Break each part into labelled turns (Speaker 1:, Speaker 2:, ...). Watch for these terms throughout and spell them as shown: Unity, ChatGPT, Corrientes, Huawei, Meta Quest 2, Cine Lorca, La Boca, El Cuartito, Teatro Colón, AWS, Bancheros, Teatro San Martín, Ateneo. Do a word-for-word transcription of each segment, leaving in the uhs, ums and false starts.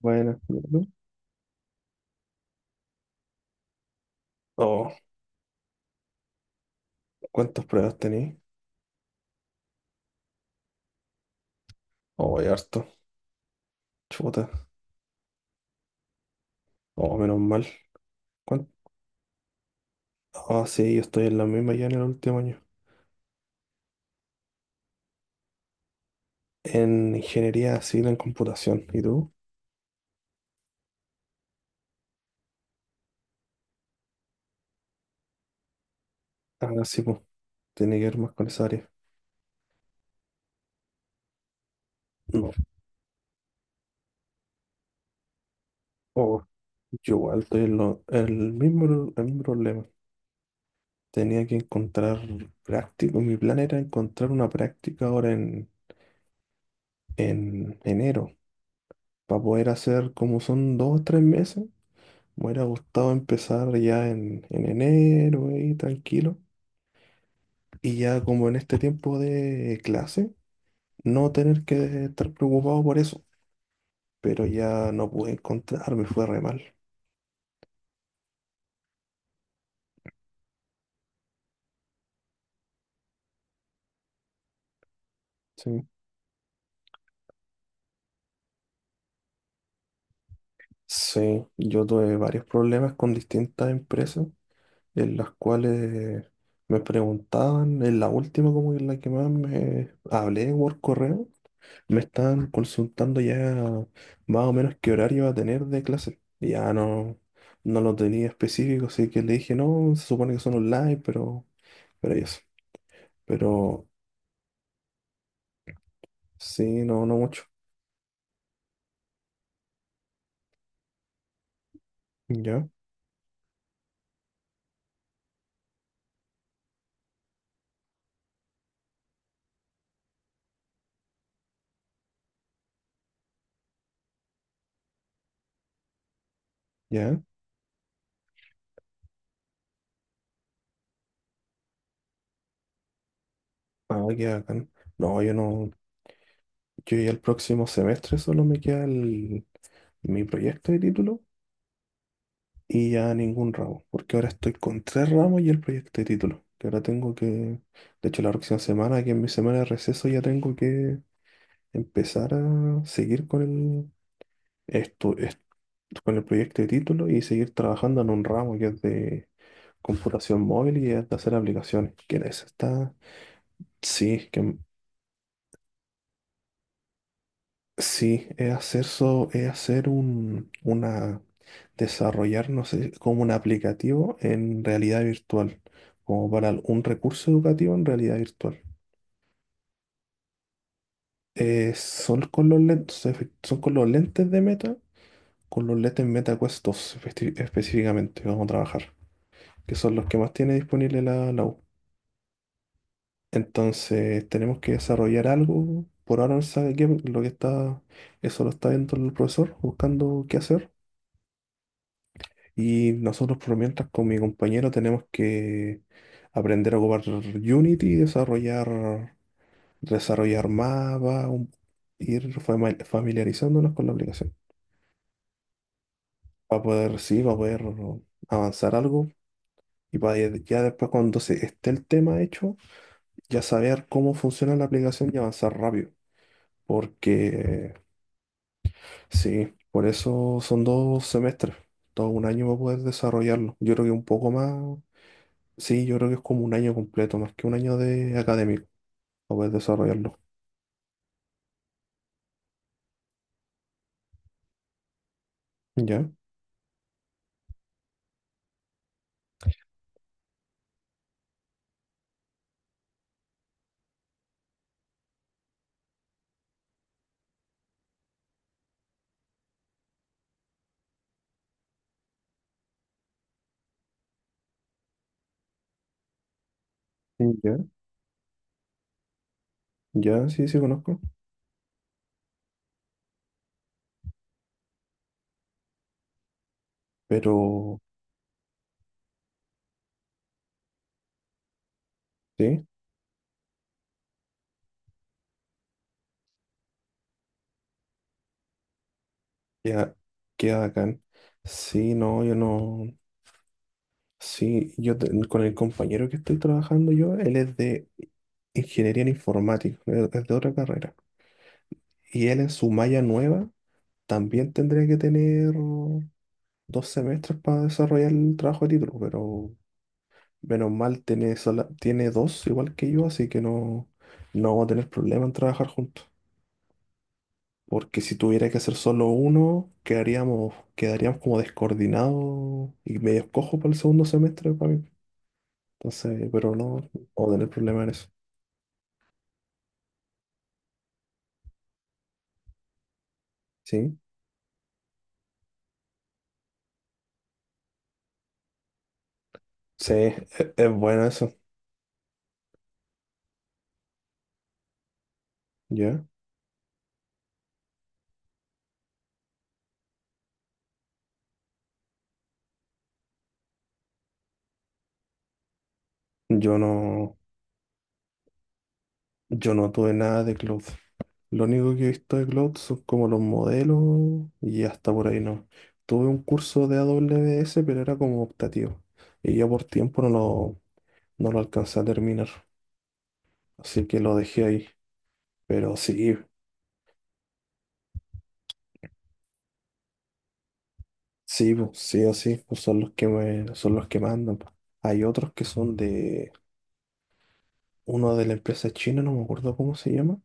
Speaker 1: Bueno, oh, ¿cuántas pruebas tenéis? Oh, hay harto. Chuta. Oh, menos mal. ¿Cuán- Ah, sí, yo estoy en la misma ya en el último año. En ingeniería civil en computación. ¿Y tú? Ah, sí, pues. Tiene que ver más con esa área. No. Oh, yo igual estoy en lo- el mismo, el mismo problema. Tenía que encontrar práctico. Mi plan era encontrar una práctica ahora en, en enero. Para poder hacer como son dos o tres meses. Me hubiera gustado empezar ya en, en enero, ahí tranquilo. Y ya como en este tiempo de clase, no tener que estar preocupado por eso. Pero ya no pude encontrar, me fue re mal. Sí. Sí, yo tuve varios problemas con distintas empresas en las cuales me preguntaban, en la última como en la que más me hablé por correo. Me están consultando ya más o menos qué horario va a tener de clase. Y ya no, no lo tenía específico, así que le dije, no, se supone que son online, pero, pero y eso. Pero sí, no, no mucho. Ya, ya. Ah, qué bacán. No, yo no, yo ya el próximo semestre solo me queda el- mi proyecto de título y ya ningún ramo, porque ahora estoy con tres ramos y el proyecto de título. Que ahora tengo que, de hecho la próxima semana, que es mi semana de receso, ya tengo que empezar a seguir con el, esto est- con el proyecto de título y seguir trabajando en un ramo que es de computación móvil y es de hacer aplicaciones. ¿Que en eso está? Sí, que sí, es hacer, so- es hacer un, una, desarrollar, no sé, como un aplicativo en realidad virtual, como para un recurso educativo en realidad virtual. Eh, son con los lentes, efe- son con los lentes de Meta, con los lentes Meta Quest dos espe- específicamente que vamos a trabajar, que son los que más tiene disponible la, la U. Entonces tenemos que desarrollar algo. Por ahora no se sabe qué, porque lo que está, eso lo está viendo el profesor, buscando qué hacer. Y nosotros por mientras con mi compañero tenemos que aprender a ocupar Unity, desarrollar, desarrollar mapas, un- ir fami- familiarizándonos con la aplicación. Para poder, sí, para poder avanzar algo. Y para ya después cuando se esté el tema hecho, ya saber cómo funciona la aplicación y avanzar rápido. Porque sí, por eso son dos semestres, todo un año para poder desarrollarlo. Yo creo que un poco más, sí, yo creo que es como un año completo, más que un año de académico para poder desarrollarlo. Ya, sí, ya, ya, sí, sí conozco, pero sí, ya, queda bacán. Sí, no, yo no, sí, yo te- con el compañero que estoy trabajando yo, él es de ingeniería en informática, es es de otra carrera. Y él en su malla nueva también tendría que tener dos semestres para desarrollar el trabajo de título, pero menos mal tiene, sola- tiene dos igual que yo, así que no, no vamos a tener problema en trabajar juntos. Porque si tuviera que hacer solo uno, quedaríamos, quedaríamos como descoordinados y medio cojo para el segundo semestre para mí. Entonces, pero no, no vamos a tener problema en eso. Sí, sí, es, es bueno eso. ¿Ya? Yo no. Yo no tuve nada de cloud. Lo único que he visto de cloud son como los modelos y hasta por ahí no. Tuve un curso de A W S, pero era como optativo. Y yo por tiempo no lo, no lo alcancé a terminar. Así que lo dejé ahí. Pero sí, sí, po, sí o sí, pues son los que me, son los que mandan, po. Hay otros que son de uno de la empresa china, no me acuerdo cómo se llama.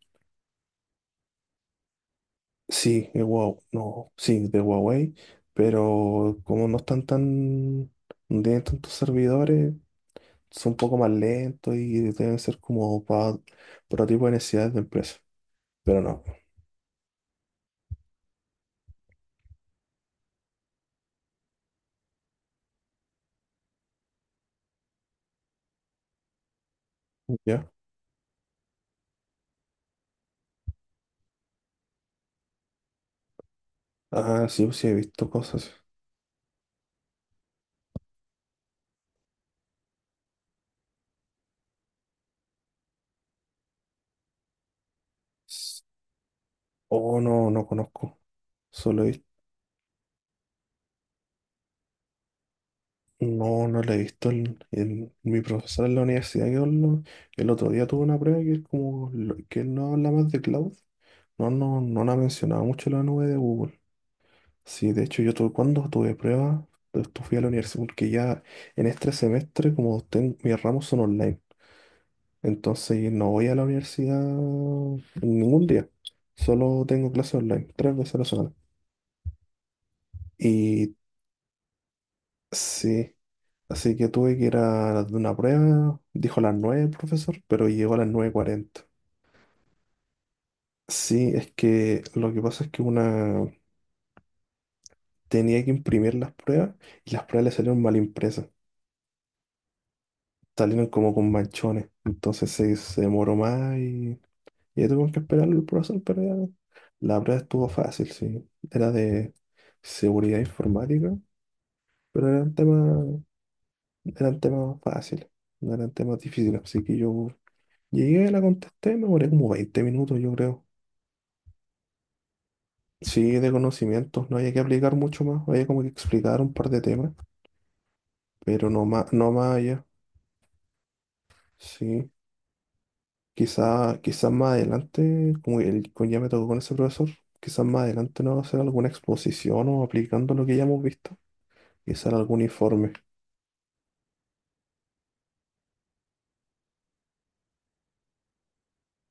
Speaker 1: Sí, de Huawei, no, sí, de Huawei, pero como no están tan, no tienen tantos servidores, son un poco más lentos y deben ser como para otro tipo de necesidades de empresa. Pero no, ¿ya? Ah, sí, pues sí, he visto cosas. S- Oh, no, no conozco. Solo he visto, no, no la he visto. El, el- mi profesor en la universidad, que habló- el otro día tuvo una prueba que es como, lo- que él no habla más de cloud. No, no, no la mencionaba mucho la nube de Google. Sí, de hecho yo tuve, cuando tuve pruebas, pues, fui a la universidad porque ya en este semestre como ten- mis ramos son online, entonces no voy a la universidad ningún día, solo tengo clases online, tres veces a la semana. Y sí, así que tuve que ir a de una prueba, dijo a las nueve el profesor, pero llegó a las nueve cuarenta. Sí, es que lo que pasa es que una tenía que imprimir las pruebas y las pruebas le salieron mal impresas. Salieron como con manchones. Entonces se, se demoró más y, y ya tuvimos que esperar el proceso, pero ya la prueba estuvo fácil, sí. Era de seguridad informática, pero eran temas, eran temas fáciles, no eran temas difíciles. Así que yo llegué, la contesté, me demoré como veinte minutos, yo creo. Sí, de conocimientos, no había que aplicar mucho más, había como que explicar un par de temas, pero no más, no más allá. Sí, Quizá, quizás más adelante, como el, como ya me tocó con ese profesor, quizás más adelante nos va a hacer alguna exposición o aplicando lo que ya hemos visto, quizás algún informe.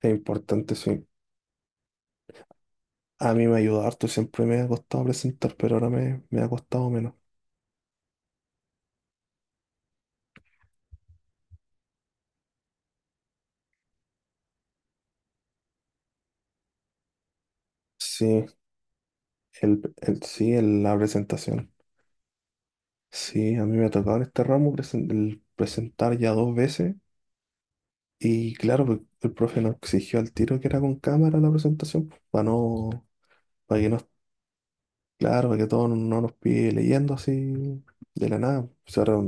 Speaker 1: Es importante, sí. A mí me ayuda harto, siempre me ha costado presentar, pero ahora me, me ha costado menos. Sí, el, el, sí, el- la presentación. Sí, a mí me ha tocado en este ramo presen- el presentar ya dos veces y claro, el, el profe nos exigió al tiro que era con cámara la presentación, pues, para no, para que no, claro, para que todo no no nos pide leyendo así de la nada. O sea, ahora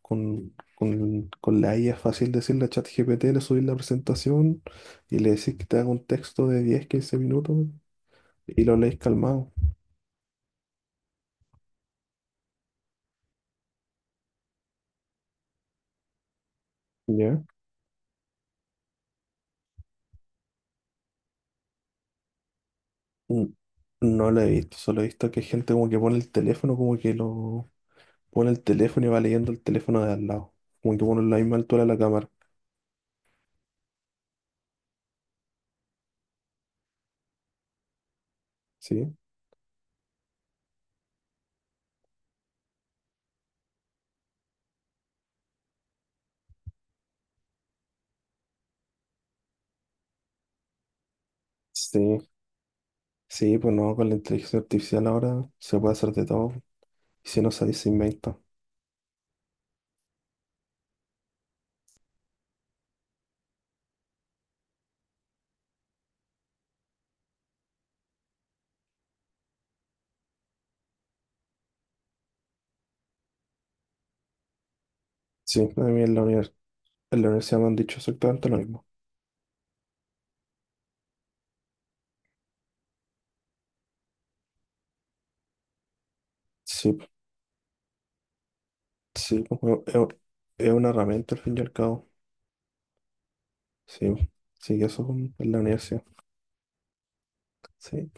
Speaker 1: con, con, con la I A es fácil decirle a ChatGPT, le subís la presentación y le decís que te haga un texto de diez quince minutos y lo lees calmado. ¿Ya? Mm, No lo he visto, solo he visto que hay gente como que pone el teléfono, como que lo pone el teléfono y va leyendo el teléfono de al lado. Como que pone la misma altura de la cámara. ¿Sí? Sí, sí, pues no, con la inteligencia artificial ahora se puede hacer de todo. Y si no sabéis, se inventa. Sí, a mí en la univers- en la universidad me han dicho exactamente lo mismo. Sí, sí, pues, bueno, es, es una herramienta al fin y al cabo. Sí, sí, eso es un- en la universidad. Sí.